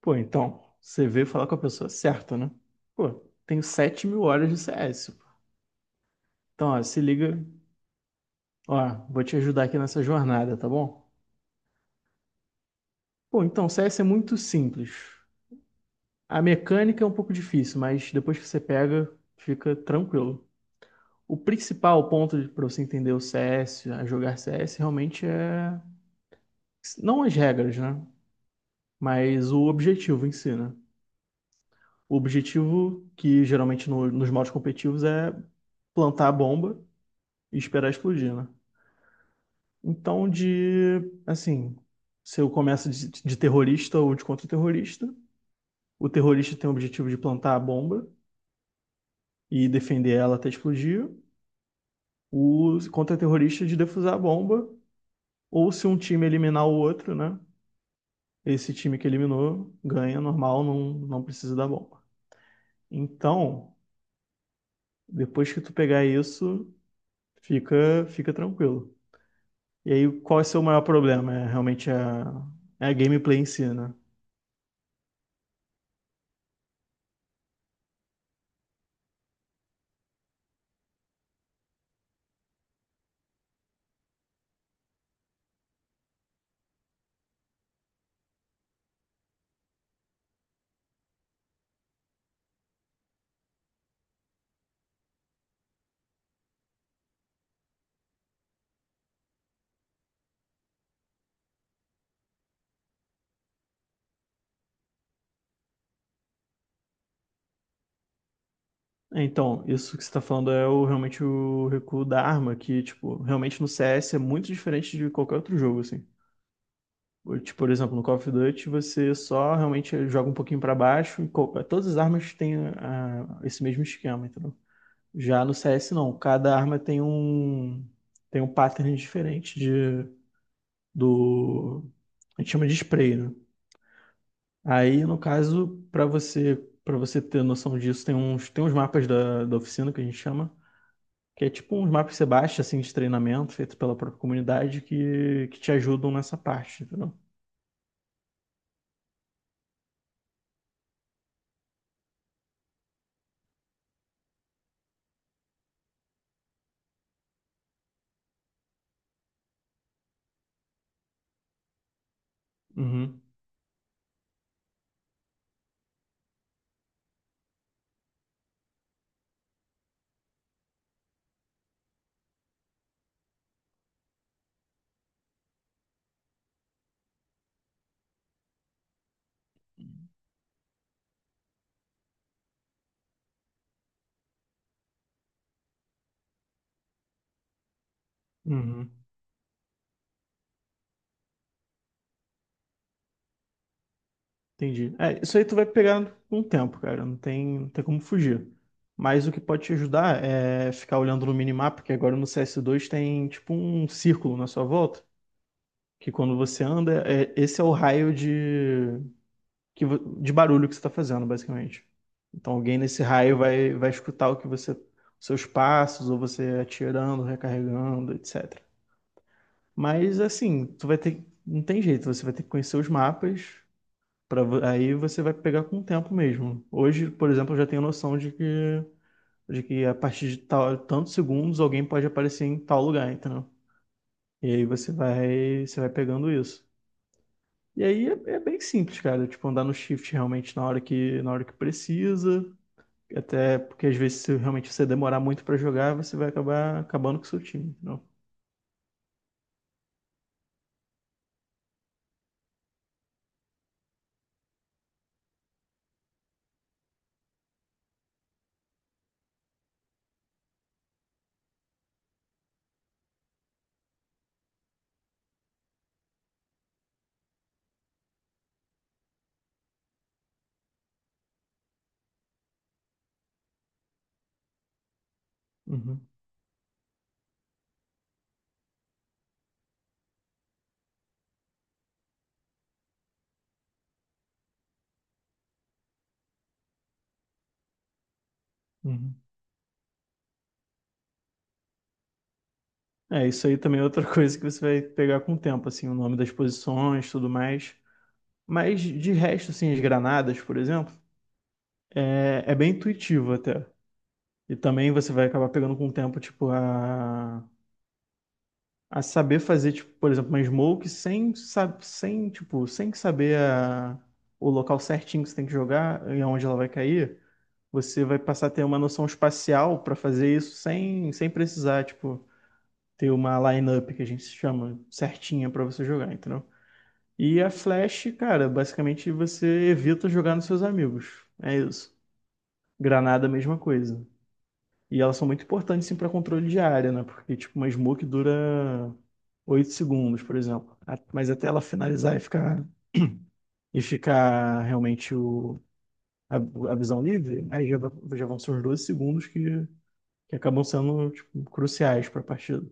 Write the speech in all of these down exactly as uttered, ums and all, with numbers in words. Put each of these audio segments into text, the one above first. Pô, então, você veio falar com a pessoa certa, né? Pô, tenho sete mil horas de C S, pô. Então, ó, se liga. Ó, vou te ajudar aqui nessa jornada, tá bom? Pô, então, C S é muito simples. A mecânica é um pouco difícil, mas depois que você pega, fica tranquilo. O principal ponto para você entender o C S, a jogar C S, realmente é. Não as regras, né? Mas o objetivo em si, né? O objetivo que geralmente no- nos modos competitivos é plantar a bomba e esperar explodir, né? Então, de, assim, se eu começo de, de terrorista ou de contra-terrorista, o terrorista tem o objetivo de plantar a bomba e defender ela até explodir, o contra-terrorista de defusar a bomba, ou se um time eliminar o outro, né? Esse time que eliminou ganha normal, não, não precisa da bomba. Então, depois que tu pegar isso, fica, fica tranquilo. E aí, qual é o seu maior problema? É realmente a, é a gameplay em si, né? É, então, isso que você tá falando é o, realmente o recuo da arma, que, tipo, realmente no C S é muito diferente de qualquer outro jogo, assim. Ou, tipo, por exemplo, no Call of Duty você só realmente joga um pouquinho pra baixo e co- todas as armas têm ah, esse mesmo esquema, entendeu? Já no C S não, cada arma tem um tem um pattern diferente de do a gente chama de spray, né? Aí, no caso, pra você para você ter noção disso, tem uns tem uns mapas da, da oficina que a gente chama. Que é tipo uns mapas que você baixa, assim, de treinamento, feito pela própria comunidade, que, que te ajudam nessa parte, entendeu? Uhum. uhum. Entendi. É, isso aí tu vai pegar com o tempo, cara. Não tem, não tem como fugir. Mas o que pode te ajudar é ficar olhando no minimapa, que agora no C S dois tem tipo um círculo na sua volta, que quando você anda, é- esse é o raio de, que vo- de barulho que você está fazendo, basicamente. Então alguém nesse raio vai, vai escutar o que você, seus passos, ou você atirando, recarregando, et cetera. Mas assim, tu vai ter, não tem jeito, você vai ter que conhecer os mapas para aí você vai pegar com o tempo mesmo. Hoje, por exemplo, eu já tenho noção de que de que a partir de tal, tantos segundos alguém pode aparecer em tal lugar, entendeu? E aí você vai, você vai pegando isso. E aí é, é bem simples, cara, tipo andar no shift realmente na hora que na hora que precisa. Até porque às vezes se realmente você demorar muito pra jogar, você vai acabar acabando com o seu time. Não. Uhum, uhum. É, isso aí também é outra coisa que você vai pegar com o tempo, assim, o nome das posições, tudo mais. Mas de resto, assim, as granadas, por exemplo, é, é bem intuitivo até. E também você vai acabar pegando com o tempo, tipo, a, a saber fazer, tipo, por exemplo, uma smoke sem, sab- sem, tipo, sem saber a- o local certinho que você tem que jogar e aonde ela vai cair. Você vai passar a ter uma noção espacial para fazer isso sem, sem precisar, tipo, ter uma line up que a gente chama certinha para você jogar, entendeu? E a Flash, cara, basicamente você evita jogar nos seus amigos. É isso. Granada, mesma coisa. E elas são muito importantes, sim, para controle de área, né? Porque, tipo, uma smoke dura oito segundos, por exemplo. A- Mas até ela finalizar e ficar, e ficar realmente o, a, a visão livre, aí já, va- já vão ser uns doze segundos que que acabam sendo tipo cruciais para a partida.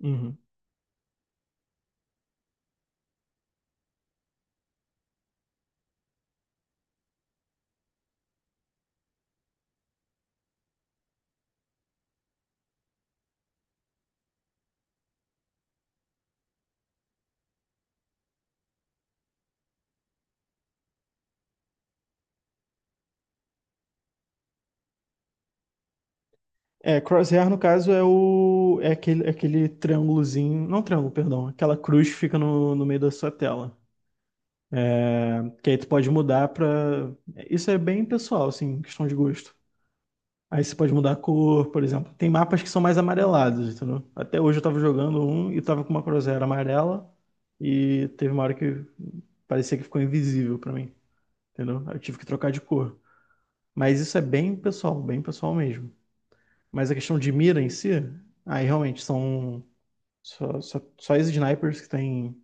Uhum. É, crosshair no caso é o é aquele, é aquele triângulozinho, não triângulo, perdão, aquela cruz que fica no, no meio da sua tela. É, que aí tu pode mudar para isso é bem pessoal, assim, questão de gosto. Aí você pode mudar a cor, por exemplo. Tem mapas que são mais amarelados, entendeu? Até hoje eu tava jogando um e tava com uma crosshair amarela e teve uma hora que parecia que ficou invisível para mim, entendeu? Aí eu tive que trocar de cor. Mas isso é bem pessoal, bem pessoal mesmo. Mas a questão de mira em si, aí realmente são só, só, só as snipers que tem,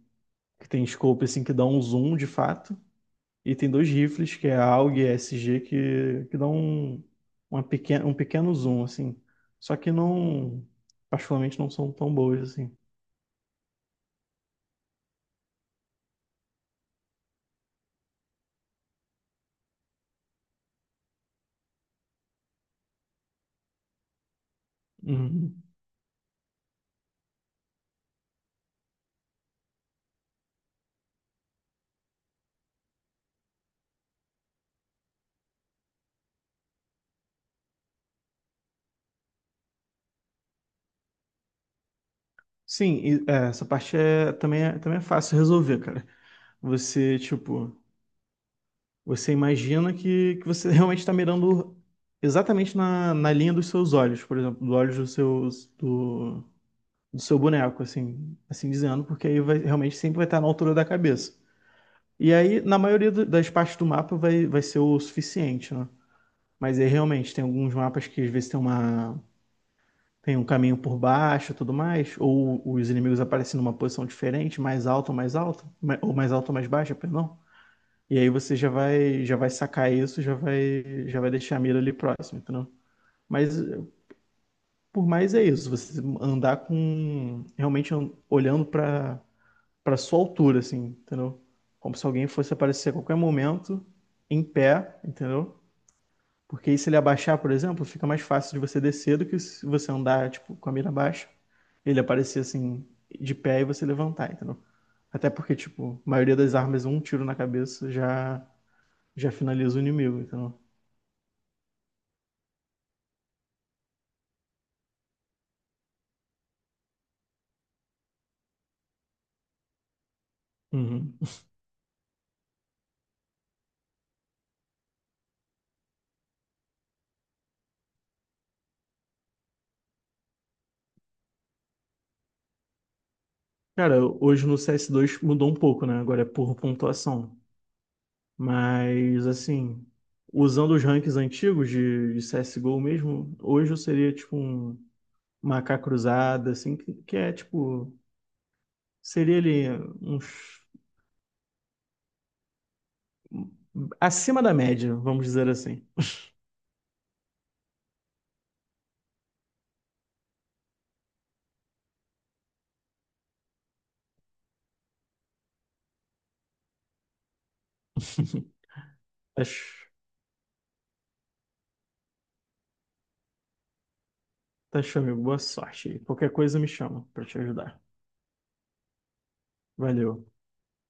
que tem scope assim, que dão um zoom de fato. E tem dois rifles, que é a AUG e a S G, que, que dão um, uma pequena, um pequeno zoom, assim. Só que não, particularmente, não são tão boas, assim. Uhum. Sim, e, é, essa parte é, também, é, também é fácil resolver, cara. Você, tipo, Você imagina que, que você realmente está mirando exatamente na, na linha dos seus olhos, por exemplo, dos olhos do seu, do, do seu boneco, assim, assim dizendo, porque aí vai, realmente sempre vai estar na altura da cabeça. E aí, na maioria do- das partes do mapa, vai, vai ser o suficiente, né? Mas aí realmente tem alguns mapas que às vezes tem uma, tem um caminho por baixo e tudo mais, ou os inimigos aparecem numa posição diferente, mais alta ou mais alta, ma- ou mais alta ou mais baixa, perdão. E aí você já vai, já vai sacar isso, já vai, já vai deixar a mira ali próximo, entendeu? Mas eh, por mais é isso, você andar com realmente an- olhando para para sua altura, assim, entendeu? Como se alguém fosse aparecer a qualquer momento em pé, entendeu? Porque aí se ele abaixar, por exemplo, fica mais fácil de você descer do que se você andar tipo com a mira baixa, ele aparecer assim de pé e você levantar, entendeu? Até porque tipo, a maioria das armas um tiro na cabeça já já finaliza o inimigo, entendeu? Uhum. Cara, hoje no C S dois mudou um pouco, né? Agora é por pontuação. Mas, assim, usando os ranks antigos de, de C S G O mesmo, hoje eu seria tipo um macaco cruzada, assim, que, que é tipo. Seria ali uns, acima da média, vamos dizer assim. Tá, ch- tá, amigo. Boa sorte aí. Qualquer coisa me chama pra te ajudar. Valeu.